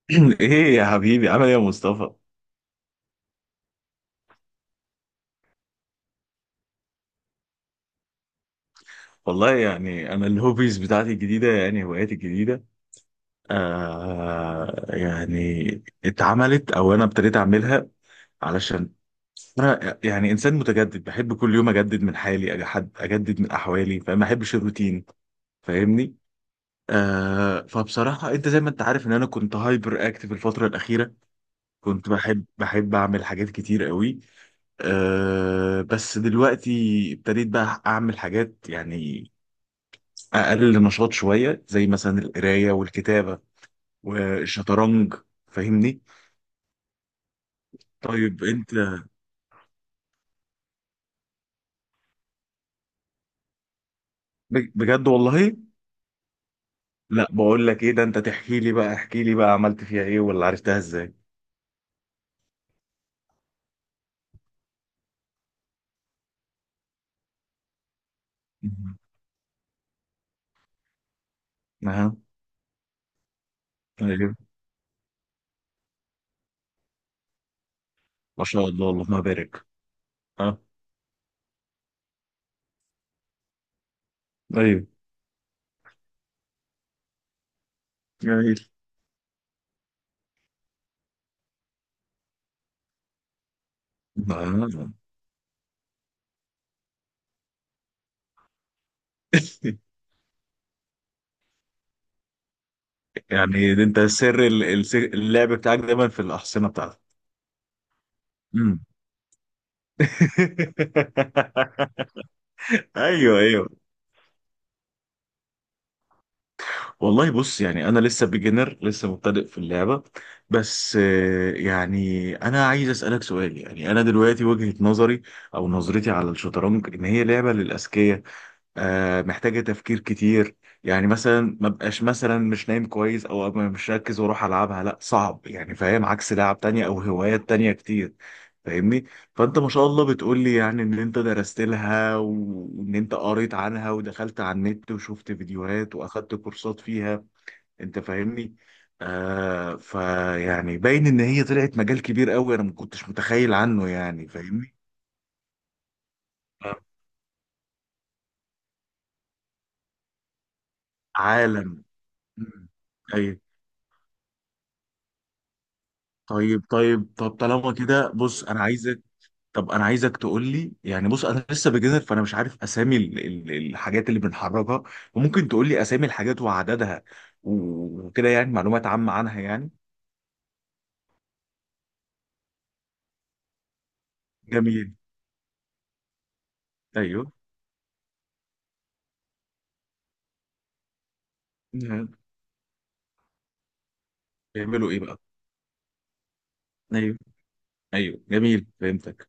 ايه يا حبيبي، عامل ايه يا مصطفى؟ والله يعني انا الهوبيز بتاعتي الجديده، يعني هواياتي الجديده، آه يعني اتعملت، او انا ابتديت اعملها، علشان انا يعني انسان متجدد، بحب كل يوم اجدد من حالي، اجدد من احوالي، فما احبش الروتين. فاهمني؟ فبصراحه انت زي ما انت عارف ان انا كنت هايبر اكتف الفتره الاخيره، كنت بحب اعمل حاجات كتير قوي. بس دلوقتي ابتديت بقى اعمل حاجات يعني اقل نشاط شويه، زي مثلا القرايه والكتابه والشطرنج. فاهمني؟ طيب انت. بجد والله. لا، بقول لك ايه، ده انت تحكي لي بقى، احكي لي بقى عملت فيها ايه ولا عرفتها ازاي. مهم. اها. طيب. ما شاء الله اللهم بارك. اه. طيب. جميل. آه. يعني ده انت سر اللعب بتاعك دايما في الاحصنه بتاعتك؟ مم. ايوه ايوه. والله بص، يعني انا لسه بيجنر، لسه مبتدئ في اللعبه. بس يعني انا عايز اسالك سؤال. يعني انا دلوقتي وجهه نظري او نظرتي على الشطرنج ان هي لعبه للاذكياء، محتاجه تفكير كتير. يعني مثلا ما بقاش مثلا مش نايم كويس او أبقى مش مركز واروح العبها، لا، صعب، يعني فاهم؟ عكس لعب تانية او هوايات تانية كتير. فاهمني؟ فانت ما شاء الله بتقول لي يعني ان انت درست لها، وان انت قريت عنها، ودخلت على النت وشفت فيديوهات، واخدت كورسات فيها. انت فاهمني؟ فيعني باين ان هي طلعت مجال كبير قوي، انا ما كنتش متخيل عنه، يعني فاهمني. آه، عالم. مم. ايوه. طيب طب طالما كده بص، انا عايزك طب انا عايزك تقول لي، يعني بص انا لسه بجنر، فانا مش عارف اسامي الحاجات اللي بنحركها، وممكن تقول لي اسامي الحاجات وعددها وكده يعني معلومات عامة عنها يعني. جميل. ايوه. مم. بيعملوا ايه بقى؟ ايوه ايوه، جميل، فهمتك.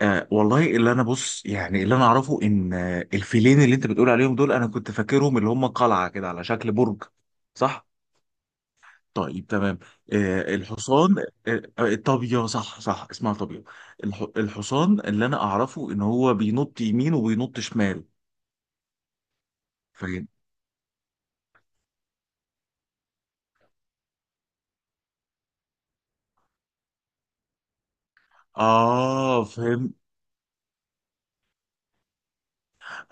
والله اللي انا بص يعني، اللي انا اعرفه ان الفيلين اللي انت بتقول عليهم دول، انا كنت فاكرهم اللي هم قلعه كده على شكل برج. صح؟ طيب تمام. آه، الحصان. آه آه، الطابية، صح صح، اسمها طابية. الحصان اللي انا اعرفه ان هو بينط يمين وبينط شمال. فاهم؟ اه فهمت.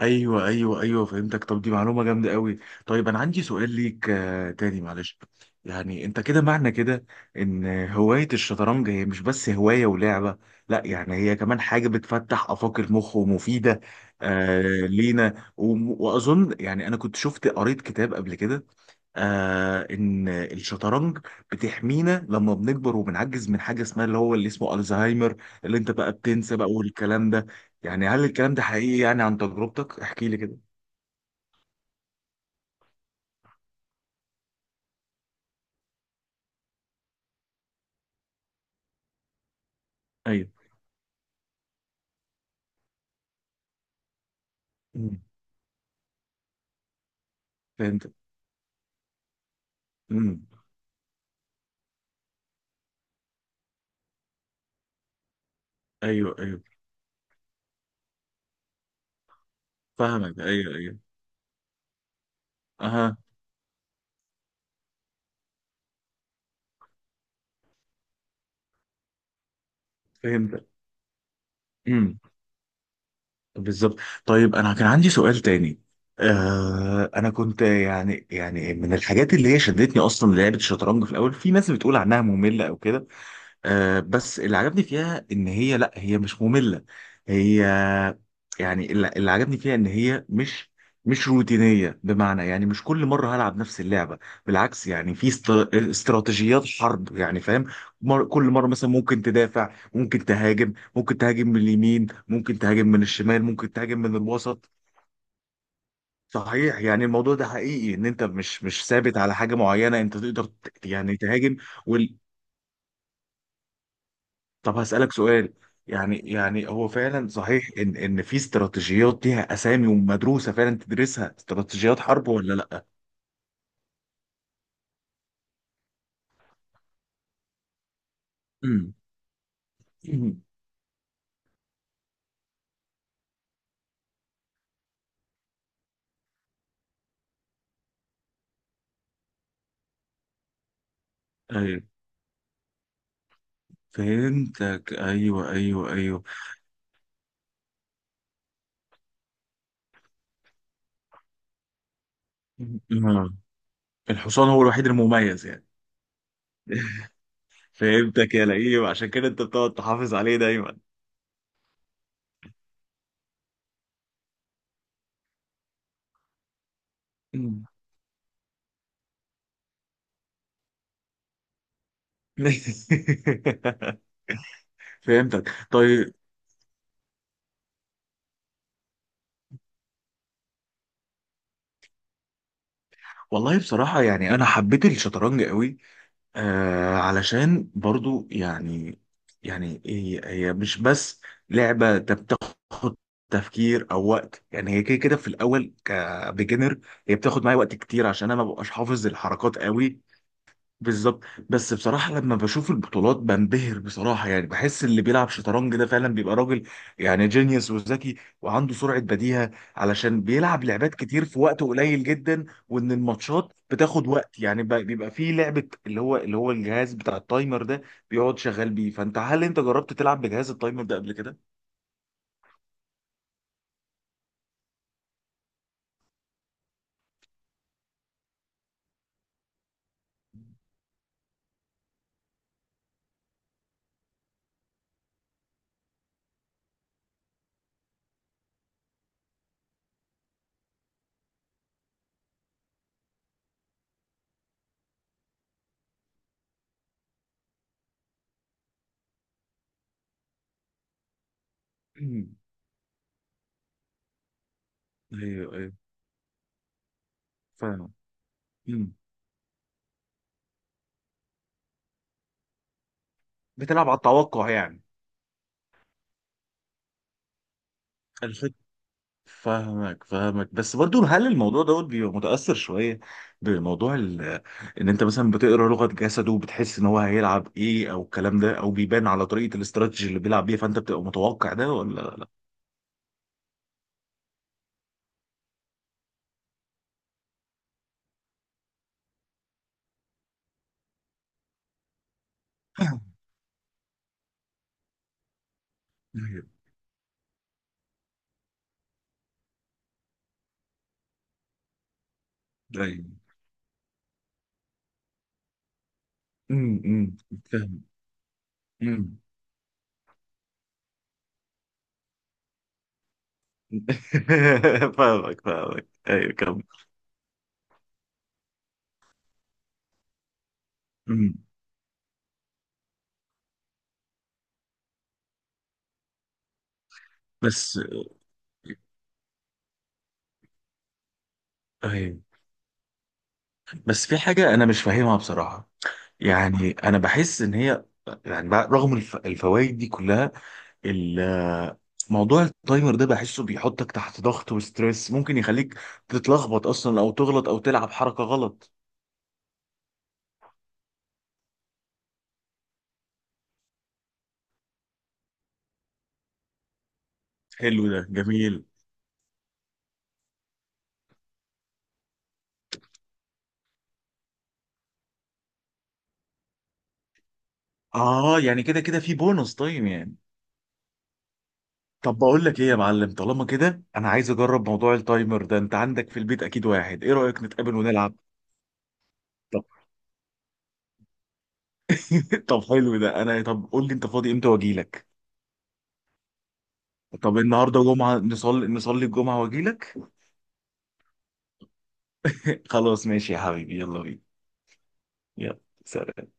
ايوه ايوه ايوه فهمتك. طب دي معلومه جامده قوي. طيب انا عندي سؤال ليك تاني، معلش. يعني انت كده معنى كده ان هوايه الشطرنج هي مش بس هوايه ولعبه، لا، يعني هي كمان حاجه بتفتح افاق المخ ومفيده لينا. واظن يعني انا كنت قريت كتاب قبل كده، ان الشطرنج بتحمينا لما بنكبر وبنعجز من حاجه اسمها اللي اسمه الزهايمر، اللي انت بقى بتنسى بقى والكلام ده. يعني هل الكلام ده حقيقي؟ يعني عن تجربتك احكي لي كده. ايوه. امم. فهمت. امم. ايوه ايوه فاهمك. ايوه ايوه. اها. فهمت. امم. بالظبط. طيب انا كان عندي سؤال تاني. انا كنت يعني، من الحاجات اللي هي شدتني اصلا لعبه الشطرنج في الاول، في ناس بتقول عنها ممله او كده، بس اللي عجبني فيها ان هي لا، هي مش مملة. هي يعني اللي عجبني فيها ان هي مش روتينية، بمعنى يعني مش كل مرة هلعب نفس اللعبة. بالعكس يعني في استراتيجيات حرب، يعني فاهم؟ كل مرة مثلا ممكن تدافع، ممكن تهاجم، ممكن تهاجم من اليمين، ممكن تهاجم من الشمال، ممكن تهاجم من الوسط. صحيح، يعني الموضوع ده حقيقي، ان انت مش ثابت على حاجة معينة، انت تقدر يعني تهاجم. طب هسألك سؤال. يعني هو فعلا صحيح ان في استراتيجيات ليها اسامي ومدروسه فعلا تدرسها، استراتيجيات حرب ولا لا؟ أمم. أمم. ايوه. فهمتك. ايوه ايوه ايوه. أمم. الحصان هو الوحيد المميز يعني؟ فهمتك يا لئيم، عشان كده انت بتقعد تحافظ عليه دايما. أمم. فهمتك، طيب. والله بصراحة يعني أنا حبيت الشطرنج قوي، علشان برضو يعني، هي مش بس لعبة بتاخد تفكير او وقت. يعني هي كده كده في الاول كبيجنر، هي بتاخد معايا وقت كتير عشان انا ما ببقاش حافظ الحركات قوي. بالظبط. بس بصراحة لما بشوف البطولات بنبهر بصراحة، يعني بحس اللي بيلعب شطرنج ده فعلا بيبقى راجل، يعني جينيوس وذكي، وعنده سرعة بديهة، علشان بيلعب لعبات كتير في وقت قليل جدا. وإن الماتشات بتاخد وقت، يعني بيبقى فيه لعبة، اللي هو الجهاز بتاع التايمر ده بيقعد شغال بيه. هل أنت جربت تلعب بجهاز التايمر ده قبل كده؟ أمم. ايوه ايوه. فاهم. أمم. بتلعب على التوقع يعني؟ فاهمك فاهمك. بس برضو هل الموضوع دوت بيبقى متأثر شوية بموضوع ان انت مثلا بتقرا لغة جسده وبتحس ان هو هيلعب ايه، او الكلام ده، او بيبان على طريقة الاستراتيجي اللي بيلعب بيها، فانت بتبقى متوقع ده ولا لا؟ ايوه ايوه. امم. أمم، فاهم. أمم. فاهمك فاهمك، ايوه. أمم. بس ايوه، بس في حاجة أنا مش فاهمها بصراحة. يعني أنا بحس إن هي يعني، رغم الفوائد دي كلها، ال- موضوع التايمر ده بحسه بيحطك تحت ضغط وستريس، ممكن يخليك تتلخبط اصلا او تغلط او تلعب حركة غلط. حلو، ده جميل. اه، يعني كده كده في بونص تايم يعني. طب بقول لك ايه يا معلم، طالما كده انا عايز اجرب موضوع التايمر ده، انت عندك في البيت اكيد واحد، ايه رأيك نتقابل ونلعب؟ طب طب حلو ده. طب قول لي انت فاضي امتى واجي لك. طب النهارده جمعة، نصلي الجمعة واجي لك. خلاص ماشي يا حبيبي، يلا بينا. يلا. سلام.